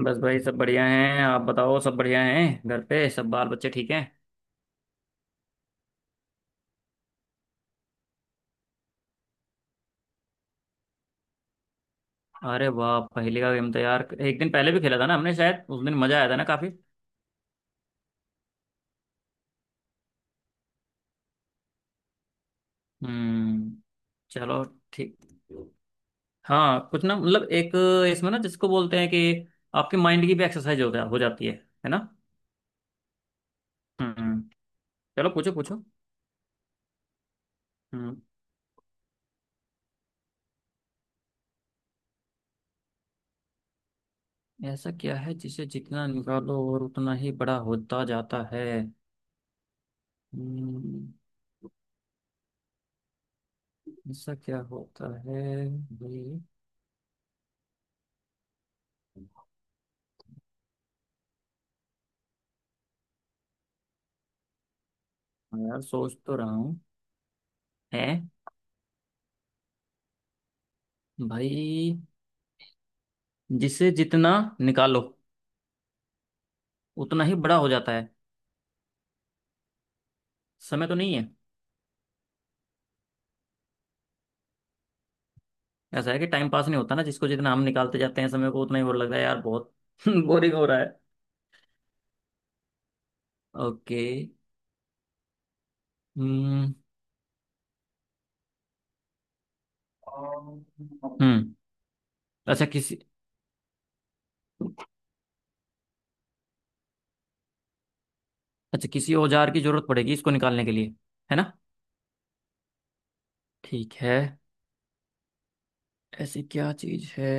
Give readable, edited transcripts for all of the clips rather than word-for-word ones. बस भाई सब बढ़िया हैं। आप बताओ, सब बढ़िया हैं? घर पे सब बाल बच्चे ठीक हैं? अरे वाह, पहले का गेम तो यार एक दिन पहले भी खेला था ना हमने शायद, उस दिन मजा आया था ना काफी। हम्म। चलो। ठीक। हाँ कुछ ना मतलब एक, इसमें ना जिसको बोलते हैं कि आपके माइंड की भी एक्सरसाइज होता हो जाती है। है ना। हम्म। चलो, पूछो पूछो। हम्म। ऐसा क्या है जिसे जितना निकालो और उतना ही बड़ा होता जाता है? हम्म, ऐसा क्या होता है भाई? हाँ यार सोच तो रहा हूँ। है भाई, जिससे जितना निकालो उतना ही बड़ा हो जाता है। समय तो नहीं है? ऐसा है कि टाइम पास नहीं होता ना, जिसको जितना हम निकालते जाते हैं समय को, उतना ही वो लगता है यार बहुत बोरिंग हो रहा है। ओके। हम्म। हम्म। अच्छा किसी। अच्छा, किसी औजार की जरूरत पड़ेगी इसको निकालने के लिए? है ना। ठीक है। ऐसी क्या चीज है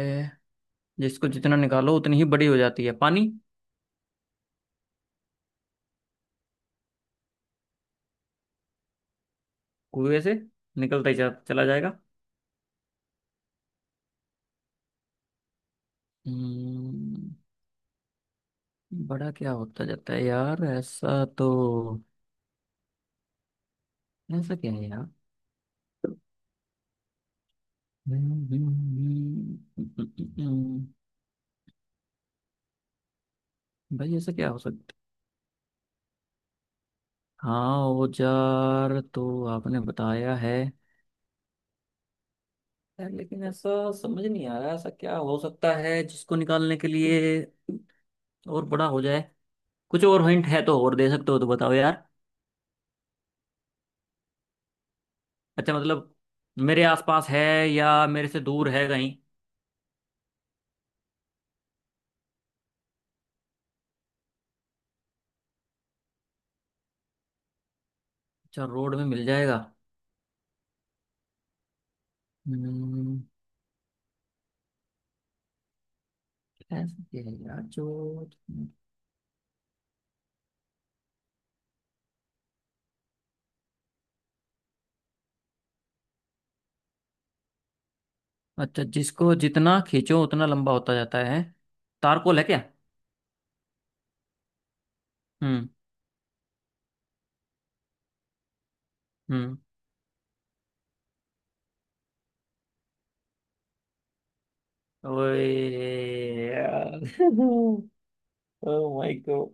जिसको जितना निकालो उतनी ही बड़ी हो जाती है? पानी। कुएं से। चला जाएगा। हम्म। बड़ा क्या होता जाता है यार ऐसा तो? ऐसा क्या है यार? हम्म, हम्म, हम्म, भाई ऐसा क्या हो सकता? हाँ औजार तो आपने बताया है। यार लेकिन ऐसा समझ नहीं आ रहा, ऐसा क्या हो सकता है जिसको निकालने के लिए और बड़ा हो जाए? कुछ और हिंट है तो और दे सकते हो तो बताओ यार। अच्छा मतलब, मेरे आसपास है या मेरे से दूर है कहीं? अच्छा, रोड में मिल जाएगा। हम्म, ऐसा क्या है यार जो। अच्छा, जिसको जितना खींचो उतना लंबा होता जाता है? तारकोल है क्या? हम्म। हम्म। ओए यार ओ माय गॉड।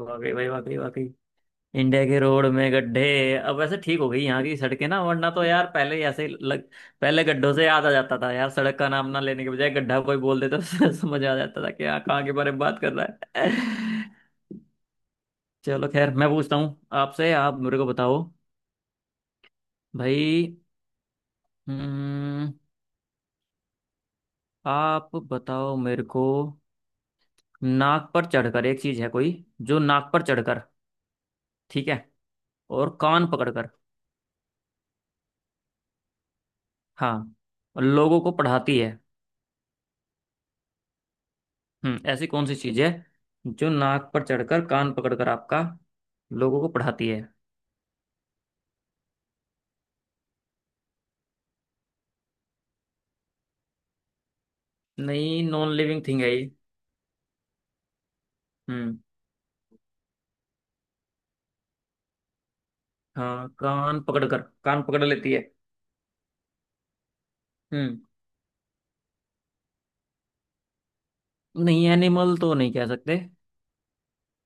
वाकई भाई, वाकई वाकई। इंडिया के रोड में गड्ढे। अब वैसे ठीक हो गई यहाँ की सड़कें ना, वरना तो यार पहले ही ऐसे ही लग। पहले गड्ढों से याद आ जाता था यार, सड़क का नाम ना लेने के बजाय गड्ढा कोई बोल देता तो समझ आ जाता था कि यहाँ, कहाँ के बारे में बात कर रहा है। चलो खैर, मैं पूछता हूँ आपसे। आप मेरे को बताओ भाई। हम्म। आप बताओ मेरे को, नाक पर चढ़कर एक चीज है कोई, जो नाक पर चढ़कर। ठीक है। और कान पकड़कर। हाँ। लोगों को पढ़ाती है। हम्म, ऐसी कौन सी चीज है जो नाक पर चढ़कर कान पकड़कर आपका लोगों को पढ़ाती है? नहीं, नॉन लिविंग थिंग है ये। हम्म। हाँ कान पकड़कर, कान पकड़ लेती है। हम्म। नहीं एनिमल तो नहीं कह सकते।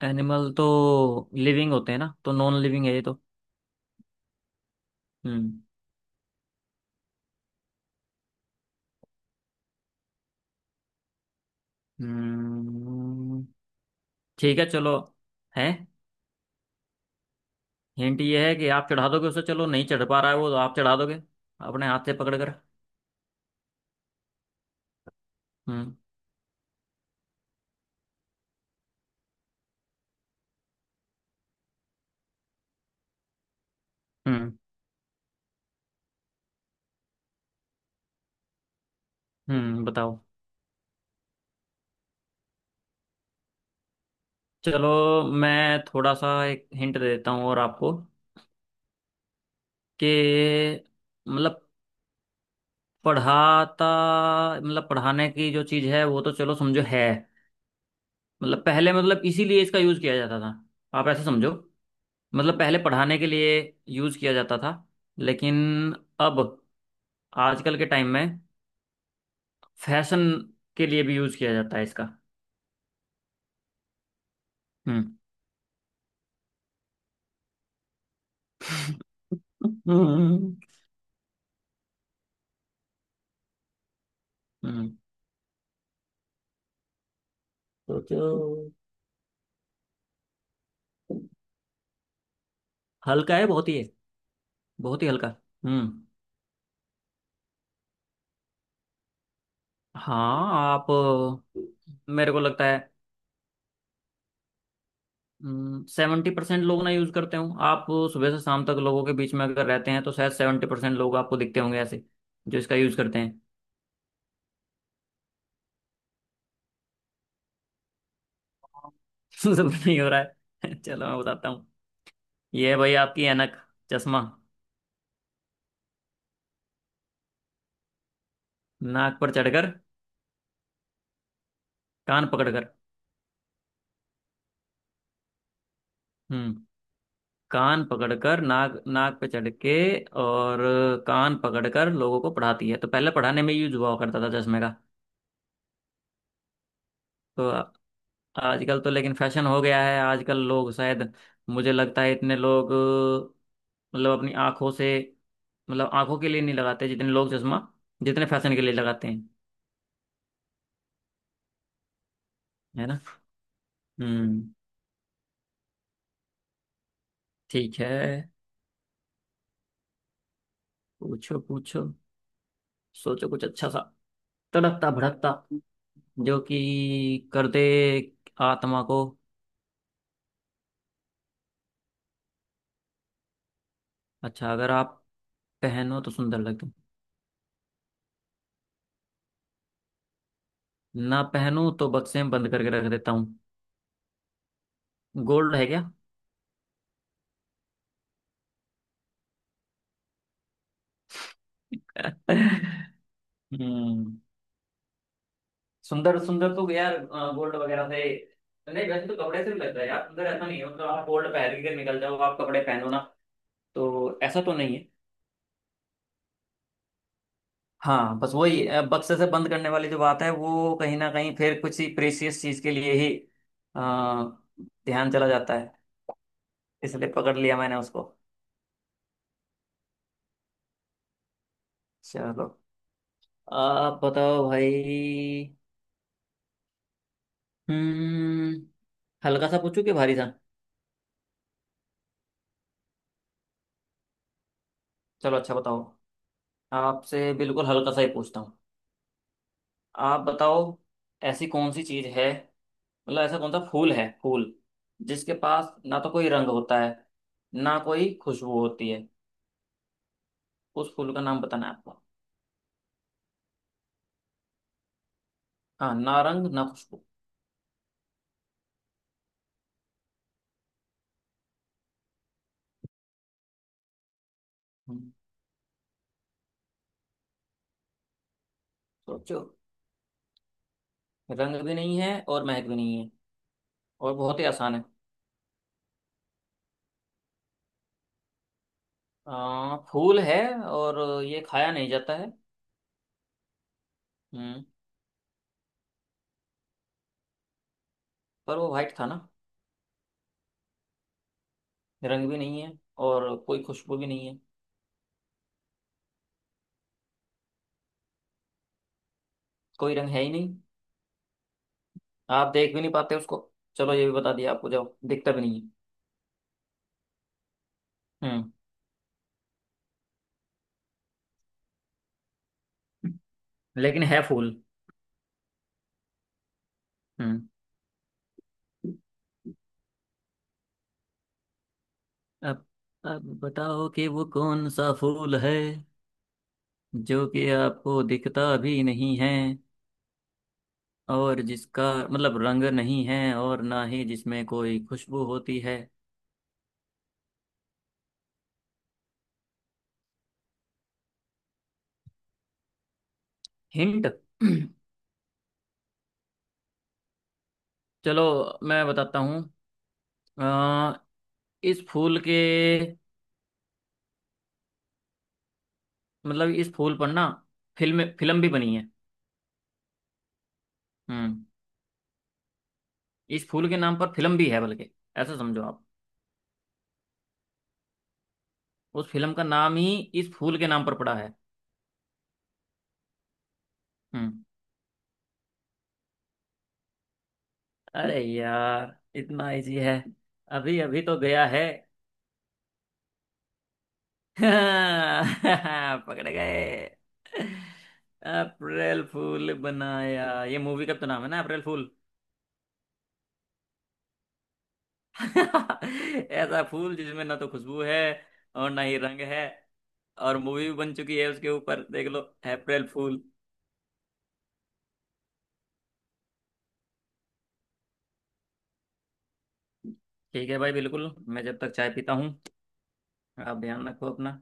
एनिमल तो लिविंग होते हैं ना, तो नॉन लिविंग है ये तो। हम्म। हम्म, ठीक है चलो। है। हिंट ये है कि आप चढ़ा दोगे उसे, चलो नहीं चढ़ पा रहा है वो तो आप चढ़ा दोगे अपने हाथ से पकड़ कर। हम्म। हम्म। बताओ। चलो मैं थोड़ा सा एक हिंट दे देता हूँ और आपको, कि मतलब पढ़ाता, मतलब पढ़ाने की जो चीज़ है वो तो चलो समझो है। मतलब पहले, मतलब इसीलिए इसका यूज़ किया जाता था। आप ऐसे समझो, मतलब पहले पढ़ाने के लिए यूज़ किया जाता था। लेकिन अब आजकल के टाइम में फैशन के लिए भी यूज किया जाता है इसका। हम्म। हम्म। हम्म, सोचो। हल्का है, बहुत ही है, बहुत ही हल्का। हम्म। हाँ आप, मेरे को लगता है, 70% लोग ना यूज करते हो आप। सुबह से शाम तक लोगों के बीच में अगर रहते हैं तो शायद 70% लोग आपको दिखते होंगे ऐसे, जो इसका यूज करते हैं। सब नहीं हो रहा है। चलो मैं बताता हूँ। ये है भाई आपकी ऐनक, चश्मा। नाक पर चढ़कर, कान पकड़कर। हम्म। कान पकड़कर नाक, नाक पे चढ़ के और कान पकड़कर लोगों को पढ़ाती है, तो पहले पढ़ाने में यूज हुआ करता था चश्मे का। तो आ-, आजकल तो लेकिन फैशन हो गया है। आजकल लोग शायद, मुझे लगता है इतने लोग मतलब अपनी आंखों से, मतलब आंखों के लिए नहीं लगाते जितने लोग चश्मा, जितने फैशन के लिए लगाते हैं। है ना। हम्म। ठीक है, पूछो पूछो। सोचो कुछ अच्छा सा, तड़कता भड़कता, जो कि कर दे आत्मा को। अच्छा, अगर आप पहनो तो सुंदर लगते हो। ना पहनो तो बक्से में बंद करके रख देता हूँ। गोल्ड है क्या? हम्म। सुंदर सुंदर तो यार गोल्ड वगैरह से नहीं, वैसे तो कपड़े से भी लगता है यार सुंदर, ऐसा नहीं है। मतलब आप गोल्ड पहन के निकल जाओ, आप कपड़े पहनो ना, तो ऐसा तो नहीं है। हाँ बस वही बक्से से बंद करने वाली जो बात है वो कहीं ना कहीं फिर कुछ ही प्रेशियस चीज के लिए ही अ, ध्यान चला जाता है। इसलिए पकड़ लिया मैंने उसको। चलो आप बताओ भाई। हम्म। हल्का सा पूछूं कि भारी सा? चलो अच्छा बताओ, आपसे बिल्कुल हल्का सा ही पूछता हूँ। आप बताओ, ऐसी कौन सी चीज है, मतलब ऐसा कौन सा फूल है, फूल जिसके पास ना तो कोई रंग होता है ना कोई खुशबू होती है? उस फूल का नाम बताना है आपको। हाँ ना रंग ना खुशबू। हम्म, सोचो। रंग भी नहीं है और महक भी नहीं है, और बहुत ही आसान है। फूल है और ये खाया नहीं जाता है। हम्म। पर वो वाइट था ना। रंग भी नहीं है और कोई खुशबू भी नहीं है। कोई रंग है ही नहीं, आप देख भी नहीं पाते उसको। चलो ये भी बता दिया आपको, जब दिखता भी नहीं है। हम्म। लेकिन है फूल। हम्म। अब अब बताओ कि वो कौन सा फूल है जो कि आपको दिखता भी नहीं है, और जिसका मतलब रंग नहीं है और ना ही जिसमें कोई खुशबू होती है। हिंट। चलो मैं बताता हूँ। अ, इस फूल के, मतलब इस फूल पर ना फिल्म फिल्म भी बनी है। हम्म। इस फूल के नाम पर फिल्म भी है, बल्कि ऐसा समझो आप, उस फिल्म का नाम ही इस फूल के नाम पर पड़ा है। हम्म। अरे यार इतना इजी है, अभी अभी तो गया है। पकड़ गए। अप्रैल फूल बनाया। ये मूवी का तो नाम है ना, अप्रैल फूल। ऐसा फूल जिसमें ना तो खुशबू है और ना ही रंग है, और मूवी भी बन चुकी है उसके ऊपर देख लो, अप्रैल फूल। ठीक है भाई बिल्कुल, मैं जब तक चाय पीता हूँ। आप ध्यान रखो अपना।